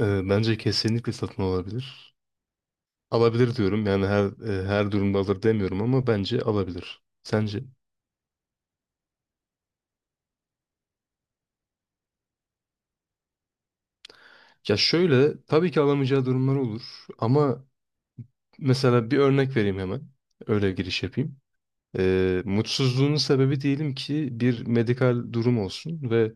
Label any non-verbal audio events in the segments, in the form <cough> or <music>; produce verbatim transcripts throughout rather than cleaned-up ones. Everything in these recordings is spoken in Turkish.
Ee, bence kesinlikle satın alabilir. Alabilir diyorum yani her e, her durumda alır demiyorum ama bence alabilir. Sence? Ya şöyle tabii ki alamayacağı durumlar olur ama mesela bir örnek vereyim hemen. Öyle giriş yapayım. Ee, mutsuzluğunun sebebi diyelim ki bir medikal durum olsun ve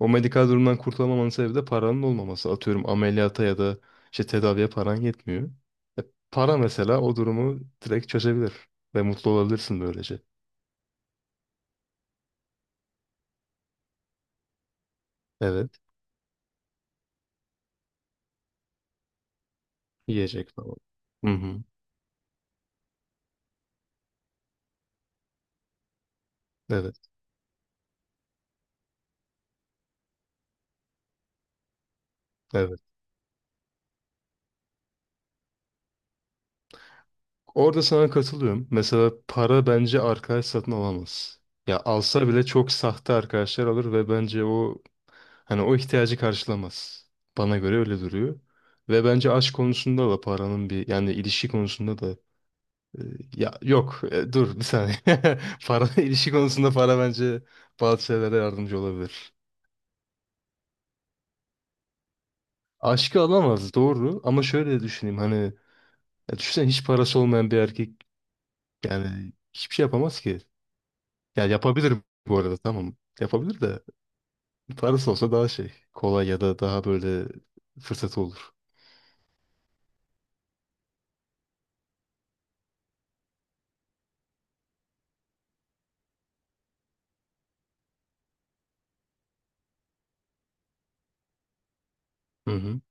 o medikal durumdan kurtulamamanın sebebi de paranın olmaması. Atıyorum ameliyata ya da işte tedaviye paran yetmiyor. E, Para mesela o durumu direkt çözebilir ve mutlu olabilirsin böylece. Evet. Yiyecek falan. Hı hı. Evet, evet. Orada sana katılıyorum. Mesela para bence arkadaş satın alamaz. Ya alsa bile çok sahte arkadaşlar alır ve bence o hani o ihtiyacı karşılamaz. Bana göre öyle duruyor. Ve bence aşk konusunda da paranın bir yani ilişki konusunda da e, ya yok e, dur bir saniye. <laughs> Para ilişki konusunda para bence bazı şeylere yardımcı olabilir. Aşkı alamaz doğru ama şöyle düşüneyim hani ya düşünsene hiç parası olmayan bir erkek. Yani hiçbir şey yapamaz ki. Ya yapabilir bu arada tamam. Yapabilir de parası olsa daha şey kolay ya da daha böyle fırsatı olur. Hı hı.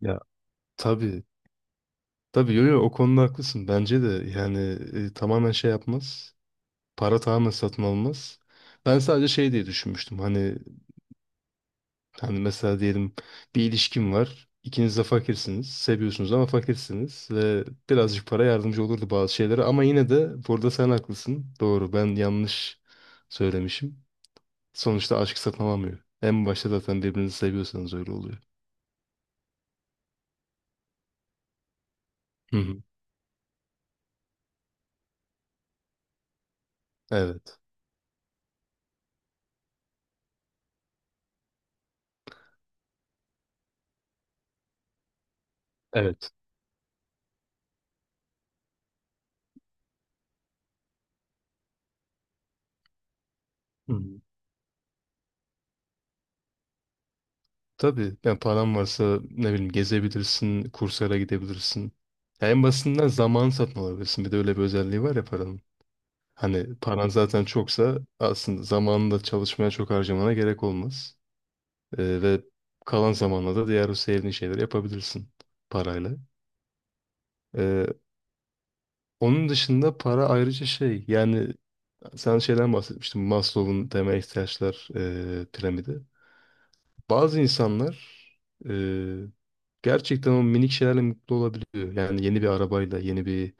Ya tabii tabii yo, yo, o konuda haklısın. Bence de yani e, tamamen şey yapmaz. Para tamamen satın almaz. Ben sadece şey diye düşünmüştüm. Hani. Hani mesela diyelim bir ilişkim var. İkiniz de fakirsiniz. Seviyorsunuz ama fakirsiniz. Ve birazcık para yardımcı olurdu bazı şeylere. Ama yine de burada sen haklısın. Doğru, ben yanlış söylemişim. Sonuçta aşk satın. En başta zaten birbirinizi seviyorsanız öyle oluyor. Hı hı. Evet. Evet. Hı hı. Tabii yani paran varsa ne bileyim gezebilirsin, kurslara gidebilirsin. Ya en basitinden zaman satın alabilirsin. Bir de öyle bir özelliği var ya paranın. Hani paran zaten çoksa aslında zamanında çalışmaya çok harcamana gerek olmaz. Ee, ve kalan zamanla da diğer o sevdiğin şeyleri yapabilirsin parayla. Ee, Onun dışında para ayrıca şey yani sen şeyden bahsetmiştin Maslow'un temel ihtiyaçlar e, piramidi. Bazı insanlar e, gerçekten o minik şeylerle mutlu olabiliyor. Yani yeni bir arabayla, yeni bir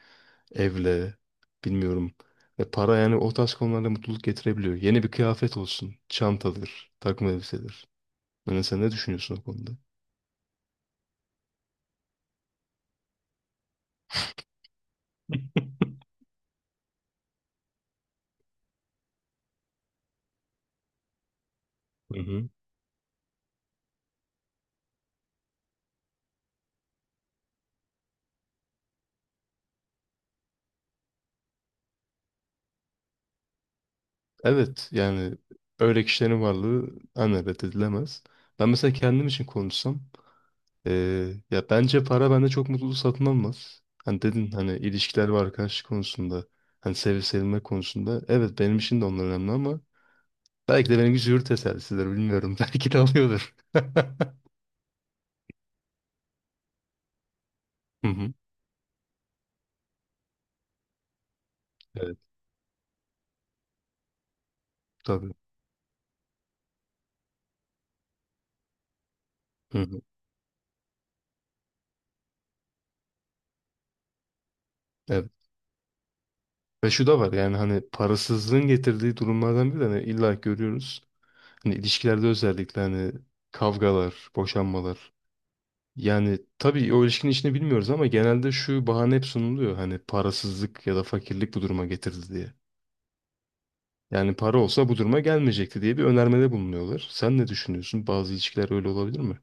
evle, bilmiyorum. Ve para yani o tarz konularda mutluluk getirebiliyor. Yeni bir kıyafet olsun, çantadır, takım elbisedir. Yani sen ne düşünüyorsun o konuda? Hı hı. Evet yani öyle kişilerin varlığı hani reddedilemez. Ben mesela kendim için konuşsam eee, ya bence para bende çok mutluluk satın almaz. Hani dedin hani ilişkiler ve arkadaşlık konusunda hani sevip sevilme konusunda evet benim için de onlar önemli ama belki de benimki züğürt tesellisidir, bilmiyorum. <laughs> Belki de alıyordur. <laughs> Hı hı. Evet. Tabii. Hı hı. Evet. Ve şu da var yani hani parasızlığın getirdiği durumlardan biri de hani illa görüyoruz. Hani ilişkilerde özellikle hani kavgalar, boşanmalar. Yani tabii o ilişkinin içini bilmiyoruz ama genelde şu bahane hep sunuluyor. Hani parasızlık ya da fakirlik bu duruma getirdi diye. Yani para olsa bu duruma gelmeyecekti diye bir önermede bulunuyorlar. Sen ne düşünüyorsun? Bazı ilişkiler öyle olabilir mi?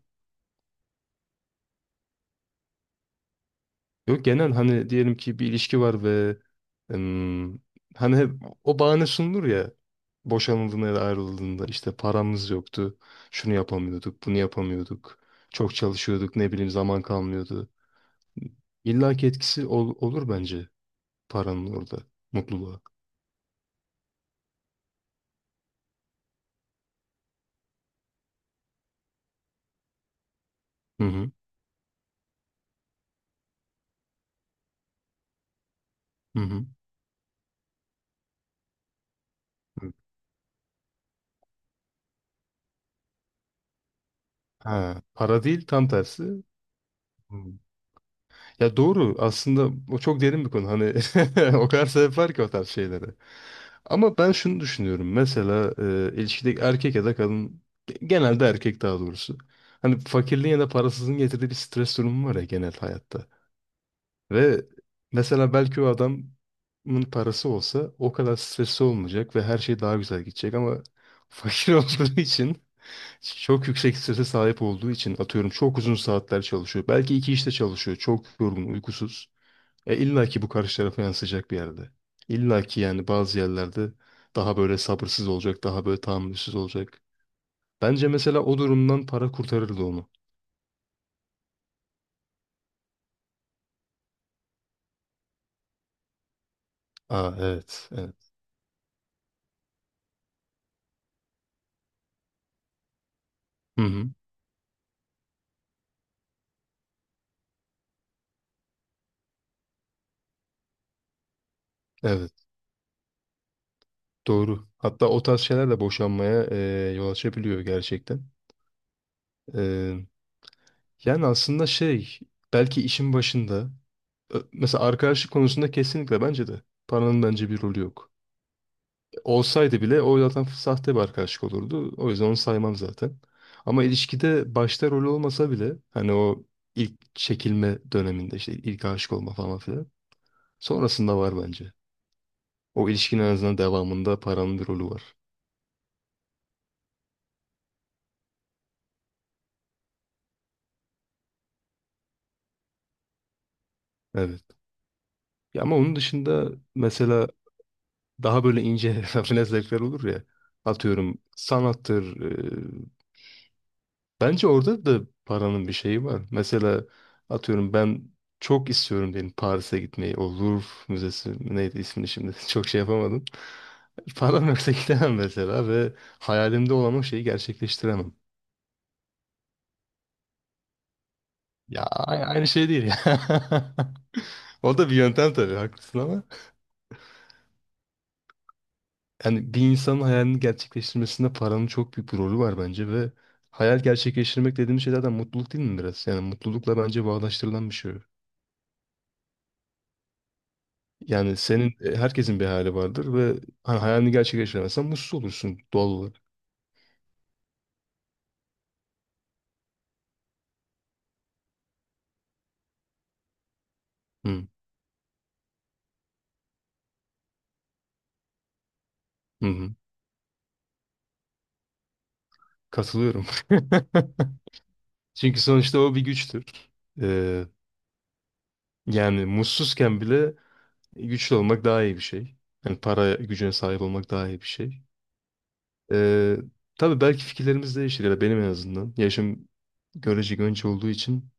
Yok genel hani diyelim ki bir ilişki var ve em, hani hep o bahane sunulur ya boşanıldığında ya da ayrıldığında işte paramız yoktu, şunu yapamıyorduk, bunu yapamıyorduk, çok çalışıyorduk, ne bileyim zaman kalmıyordu. İlla ki etkisi ol- olur bence paranın orada mutluluğa. Hı hı. Hı hı. Hı. Ha, para değil tam tersi. Hı. Ya doğru, aslında o çok derin bir konu hani <laughs> o kadar sebep var ki o tarz şeylere. Ama ben şunu düşünüyorum. Mesela e, ilişkideki erkek ya da kadın genelde erkek daha doğrusu. Hani fakirliğin ya da parasızlığın getirdiği bir stres durumu var ya genel hayatta. Ve mesela belki o adamın parası olsa o kadar stresli olmayacak ve her şey daha güzel gidecek ama <laughs> fakir olduğu için çok yüksek strese sahip olduğu için atıyorum çok uzun saatler çalışıyor. Belki iki işte çalışıyor. Çok yorgun, uykusuz. E, illa ki bu karşı tarafa yansıyacak bir yerde. İlla ki yani bazı yerlerde daha böyle sabırsız olacak, daha böyle tahammülsüz olacak. Bence mesela o durumdan para kurtarırdı onu. Aa evet, evet. Hı hı, evet, doğru. Hatta o tarz şeyler de boşanmaya e, yol açabiliyor gerçekten. E, Yani aslında şey, belki işin başında, ö- mesela arkadaşlık konusunda kesinlikle bence de paranın bence bir rolü yok. Olsaydı bile o zaten sahte bir arkadaşlık olurdu. O yüzden onu saymam zaten. Ama ilişkide başta rol olmasa bile hani o ilk çekilme döneminde işte ilk aşık olma falan filan. Sonrasında var bence. O ilişkinin en azından devamında paranın bir rolü var. Evet. Ya ama onun dışında mesela daha böyle ince <laughs> rafine zevkler olur ya. Atıyorum sanattır, e, bence orada da paranın bir şeyi var. Mesela atıyorum ben çok istiyorum diyelim Paris'e gitmeyi. O Louvre Müzesi mi neydi ismini şimdi <laughs> çok şey yapamadım. Param yoksa <laughs> gidemem mesela ve hayalimde olan o şeyi gerçekleştiremem. Ya a- aynı şey değil ya. <laughs> O da bir yöntem tabii, haklısın ama. Yani bir insanın hayalini gerçekleştirmesinde paranın çok büyük bir rolü var bence ve hayal gerçekleştirmek dediğimiz şey zaten mutluluk değil mi biraz? Yani mutlulukla bence bağdaştırılan bir şey. Yani senin e, herkesin bir hayali vardır ve hani hayalini gerçekleştiremezsen mutsuz olursun doğal olarak. Hı, hı, hı. Katılıyorum. <laughs> Çünkü sonuçta o bir güçtür. Ee, Yani mutsuzken bile güçlü olmak daha iyi bir şey. Yani para gücüne sahip olmak daha iyi bir şey. Ee, tabii belki fikirlerimiz değişir ya da benim en azından. Yaşım görecek önce olduğu için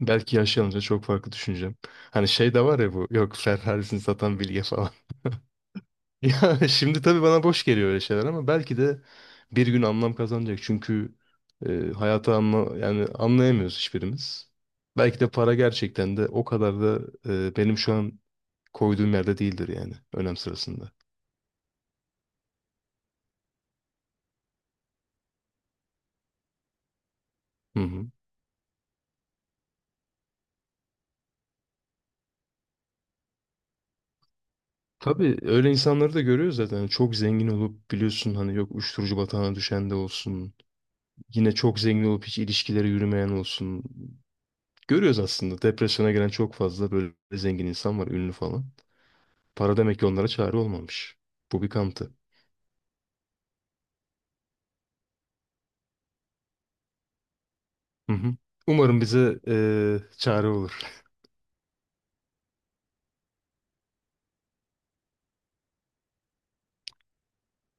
belki yaşlanınca çok farklı düşüneceğim. Hani şey de var ya bu yok Ferrari'sini satan bilge falan. <laughs> Ya şimdi tabii bana boş geliyor öyle şeyler ama belki de bir gün anlam kazanacak. Çünkü e, hayatı anla yani anlayamıyoruz hiçbirimiz. Belki de para gerçekten de o kadar da e, benim şu an koyduğum yerde değildir yani önem sırasında. Hı hı. Tabii öyle insanları da görüyoruz zaten. Yani çok zengin olup biliyorsun hani yok uyuşturucu batağına düşen de olsun. Yine çok zengin olup hiç ilişkileri yürümeyen olsun. Görüyoruz aslında depresyona giren çok fazla böyle zengin insan var ünlü falan. Para demek ki onlara çare olmamış. Bu bir kanıtı. Hı hı. Umarım bize eee, çare olur.